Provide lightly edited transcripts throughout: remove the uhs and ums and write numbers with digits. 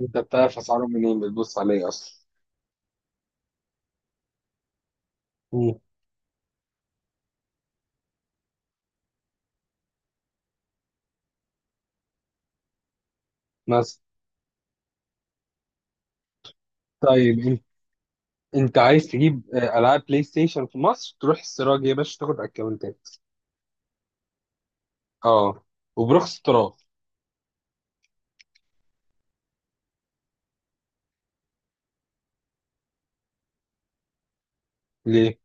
انت بتعرف اسعارهم منين؟ بتبص عليه اصلا؟ مم. بس. طيب انت عايز تجيب العاب بلاي ستيشن في مصر، تروح السراج يا باشا تاخد اكونتات. اه، وبرخص التراب. ليه؟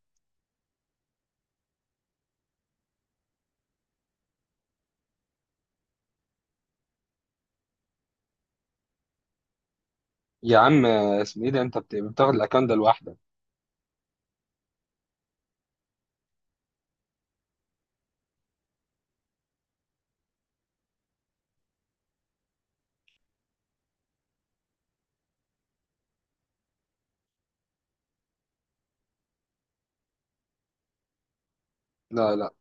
يا عم، اسمه ايه ده؟ انت بتاخد الاكونت ده لوحدك. لا لا،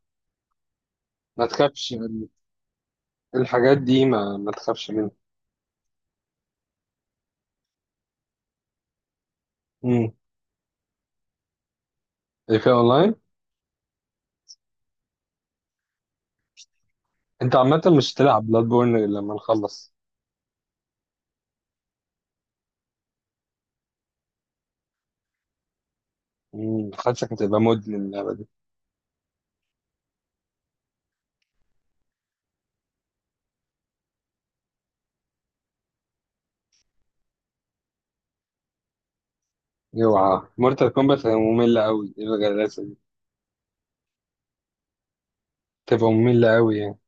ما تخافش. الحاجات دي ما تخافش منها. امم ايه، في اونلاين؟ انت عامه مش تلعب بلاد بورن غير لما نخلص. حاسسك هتبقى مدمن اللعبه دي. اوعى، مورتال كومبات هتبقى ممله قوي، ايه الغلاسه دي؟ تبقى ممله قوي يعني.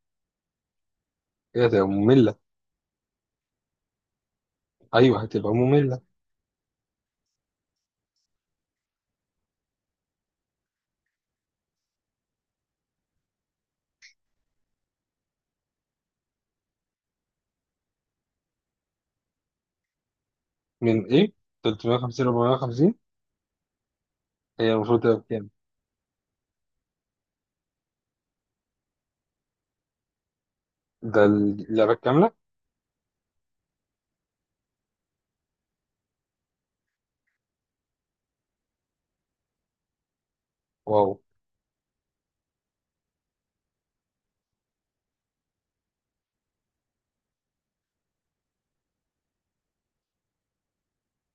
ايه، هتبقى ممله. ايوه، هتبقى مملة. من ايه؟ 350؟ 450؟ هي المفروض تبقى بكام؟ ده اللعبة الكاملة؟ واو.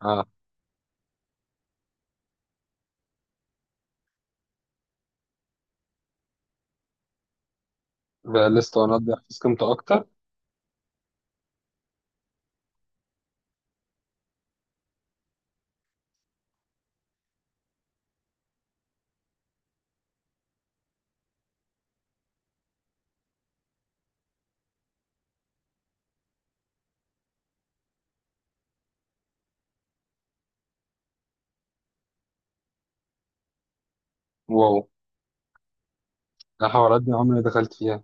اه، ده لسه انا اقدر احفظ قيمته اكتر. واو، ده حوارات دي عمري ما دخلت فيها.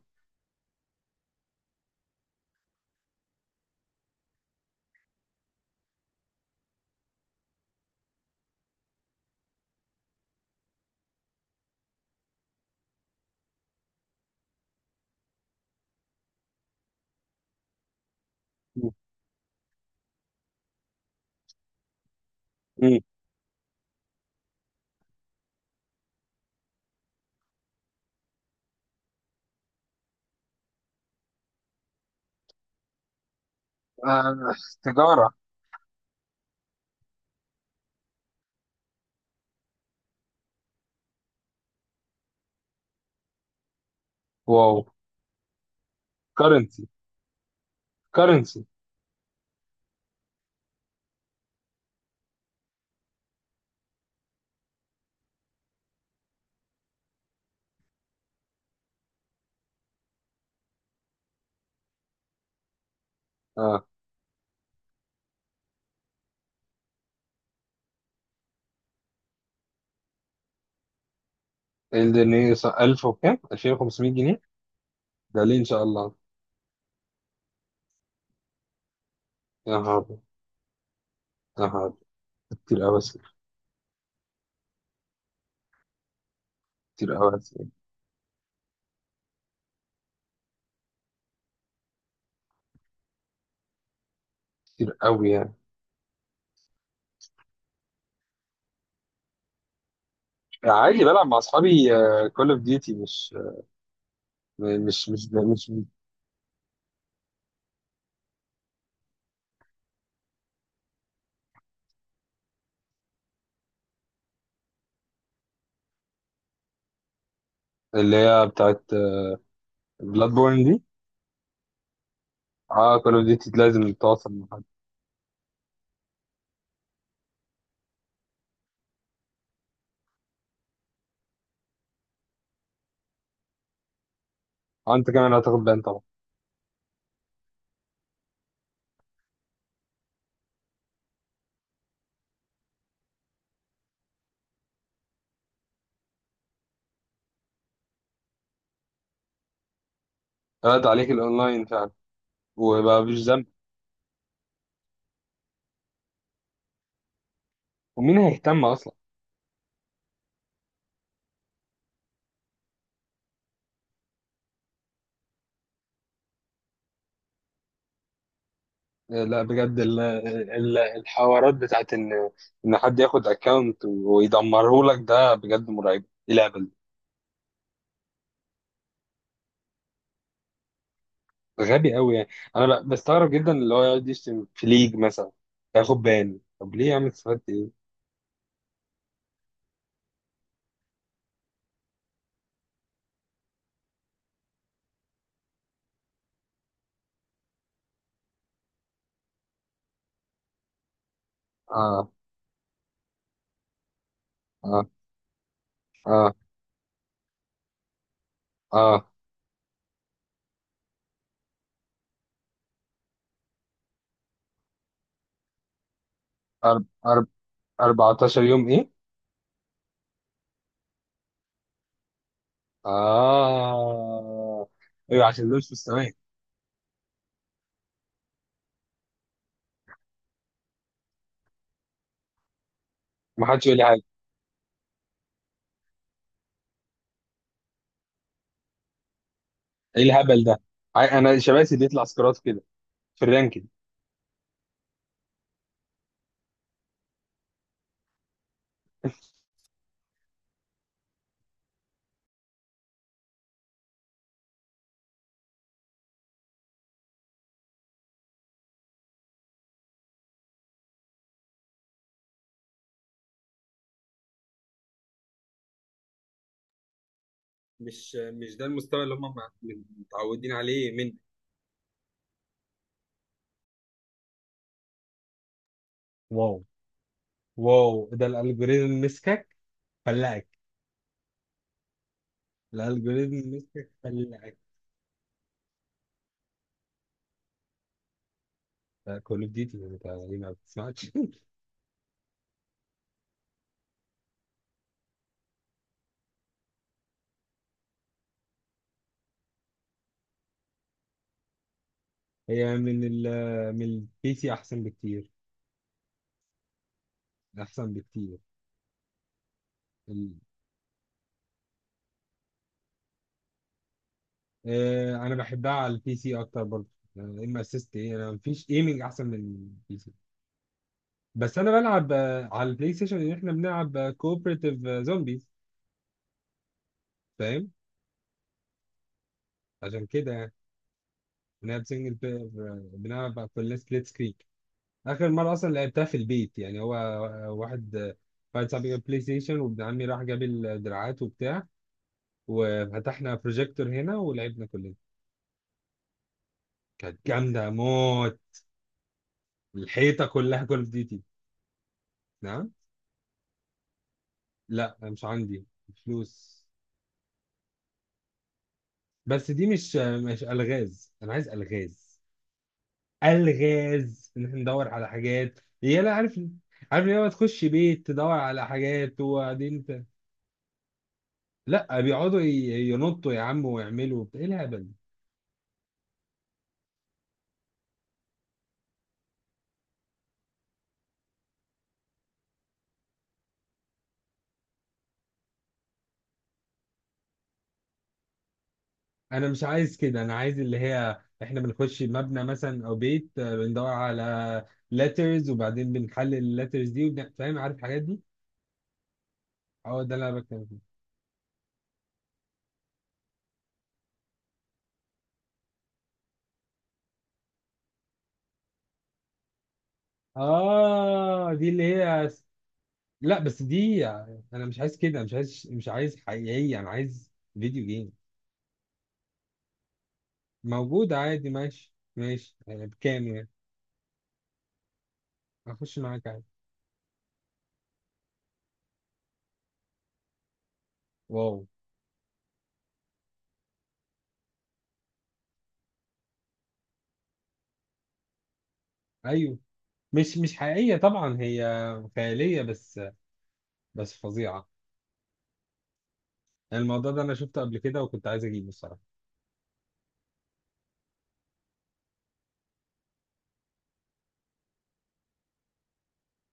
مم. مم. آه. تجارة. واو. كرنسي، كرنسي. اه، الدنيا. 1000 وكام؟ 2500 جنيه؟ ده ليه ان شاء الله؟ يا نهار أبيض. يا نهار أبيض. كتير قوي. كتير قوي. كتير قوي يعني. عادي، بلعب مع اصحابي كول اوف ديوتي، مش اللي هي بتاعت بلاد بورن دي. اه، كول اوف ديوتي لازم تتواصل مع حد. انت كمان هتاخد بان طبعا. قلت عليك الاونلاين فعلا، وبقى مفيش ذنب. ومين هيهتم اصلا؟ لا، بجد الحوارات بتاعت ان حد ياخد اكونت ويدمره لك، ده بجد مرعب، ايه الهبل؟ ده غبي قوي يعني. انا بستغرب جدا اللي هو يقعد يشتم في ليج مثلا، ياخد بان. طب ليه يا عم، استفدت ايه؟ اه، اه، اه، اه. أرب أرب 14 يوم ايه؟ اه. ايوه، عشان دول في السماء. ما حدش يقول لي حاجه. ايه الهبل ده؟ انا شباسي بيطلع سكرات كده في الرانكينج. مش ده المستوى اللي هم متعودين عليه من. واو، واو، ده الالجوريزم مسكك فلقك. الالجوريزم مسكك فلقك. كول اوف ديوتي، انت ليه ما بتسمعش؟ هي من البي سي احسن بكتير. احسن بكتير. انا بحبها على البي سي اكتر برضه. ام اسيست ايه؟ انا مفيش ايمنج احسن من البي سي. بس انا بلعب على البلاي ستيشن ان احنا بنلعب كوبريتيف زومبيز، فاهم؟ عشان كده يعني. بنلعب سنجل بلاير، بنلعب كلنا سبليت سكرين. اخر مره اصلا لعبتها في البيت، يعني هو واحد صاحبي جاب بلاي ستيشن، وابن عمي راح جاب الدراعات وبتاع، وفتحنا بروجيكتور هنا ولعبنا كلنا. كانت جامده موت. الحيطه كلها كول اوف ديوتي. لا، مش عندي فلوس. بس دي مش الغاز، انا عايز الغاز. الغاز ان احنا ندور على حاجات، هي لا عارف، عارف، ليه تخش بيت تدور على حاجات وبعدين لا، بيقعدوا ينطوا يا عم ويعملوا وبتاع. ايه الهبل ده؟ انا مش عايز كده، انا عايز اللي هي احنا بنخش مبنى مثلا او بيت، بندور على لترز وبعدين بنحلل اللترز دي فاهم، عارف الحاجات دي. هو ده اللي انا بتكلم فيه. اه، دي اللي هي. لا، بس دي، انا مش عايز كده، مش عايز حقيقية، انا عايز فيديو جيم. موجود عادي، ماشي، ماشي يعني. بكام يعني؟ اخش معاك عادي. واو. ايوه، مش حقيقية طبعا، هي خيالية بس، بس فظيعة. يعني الموضوع ده انا شفته قبل كده وكنت عايز اجيبه الصراحة.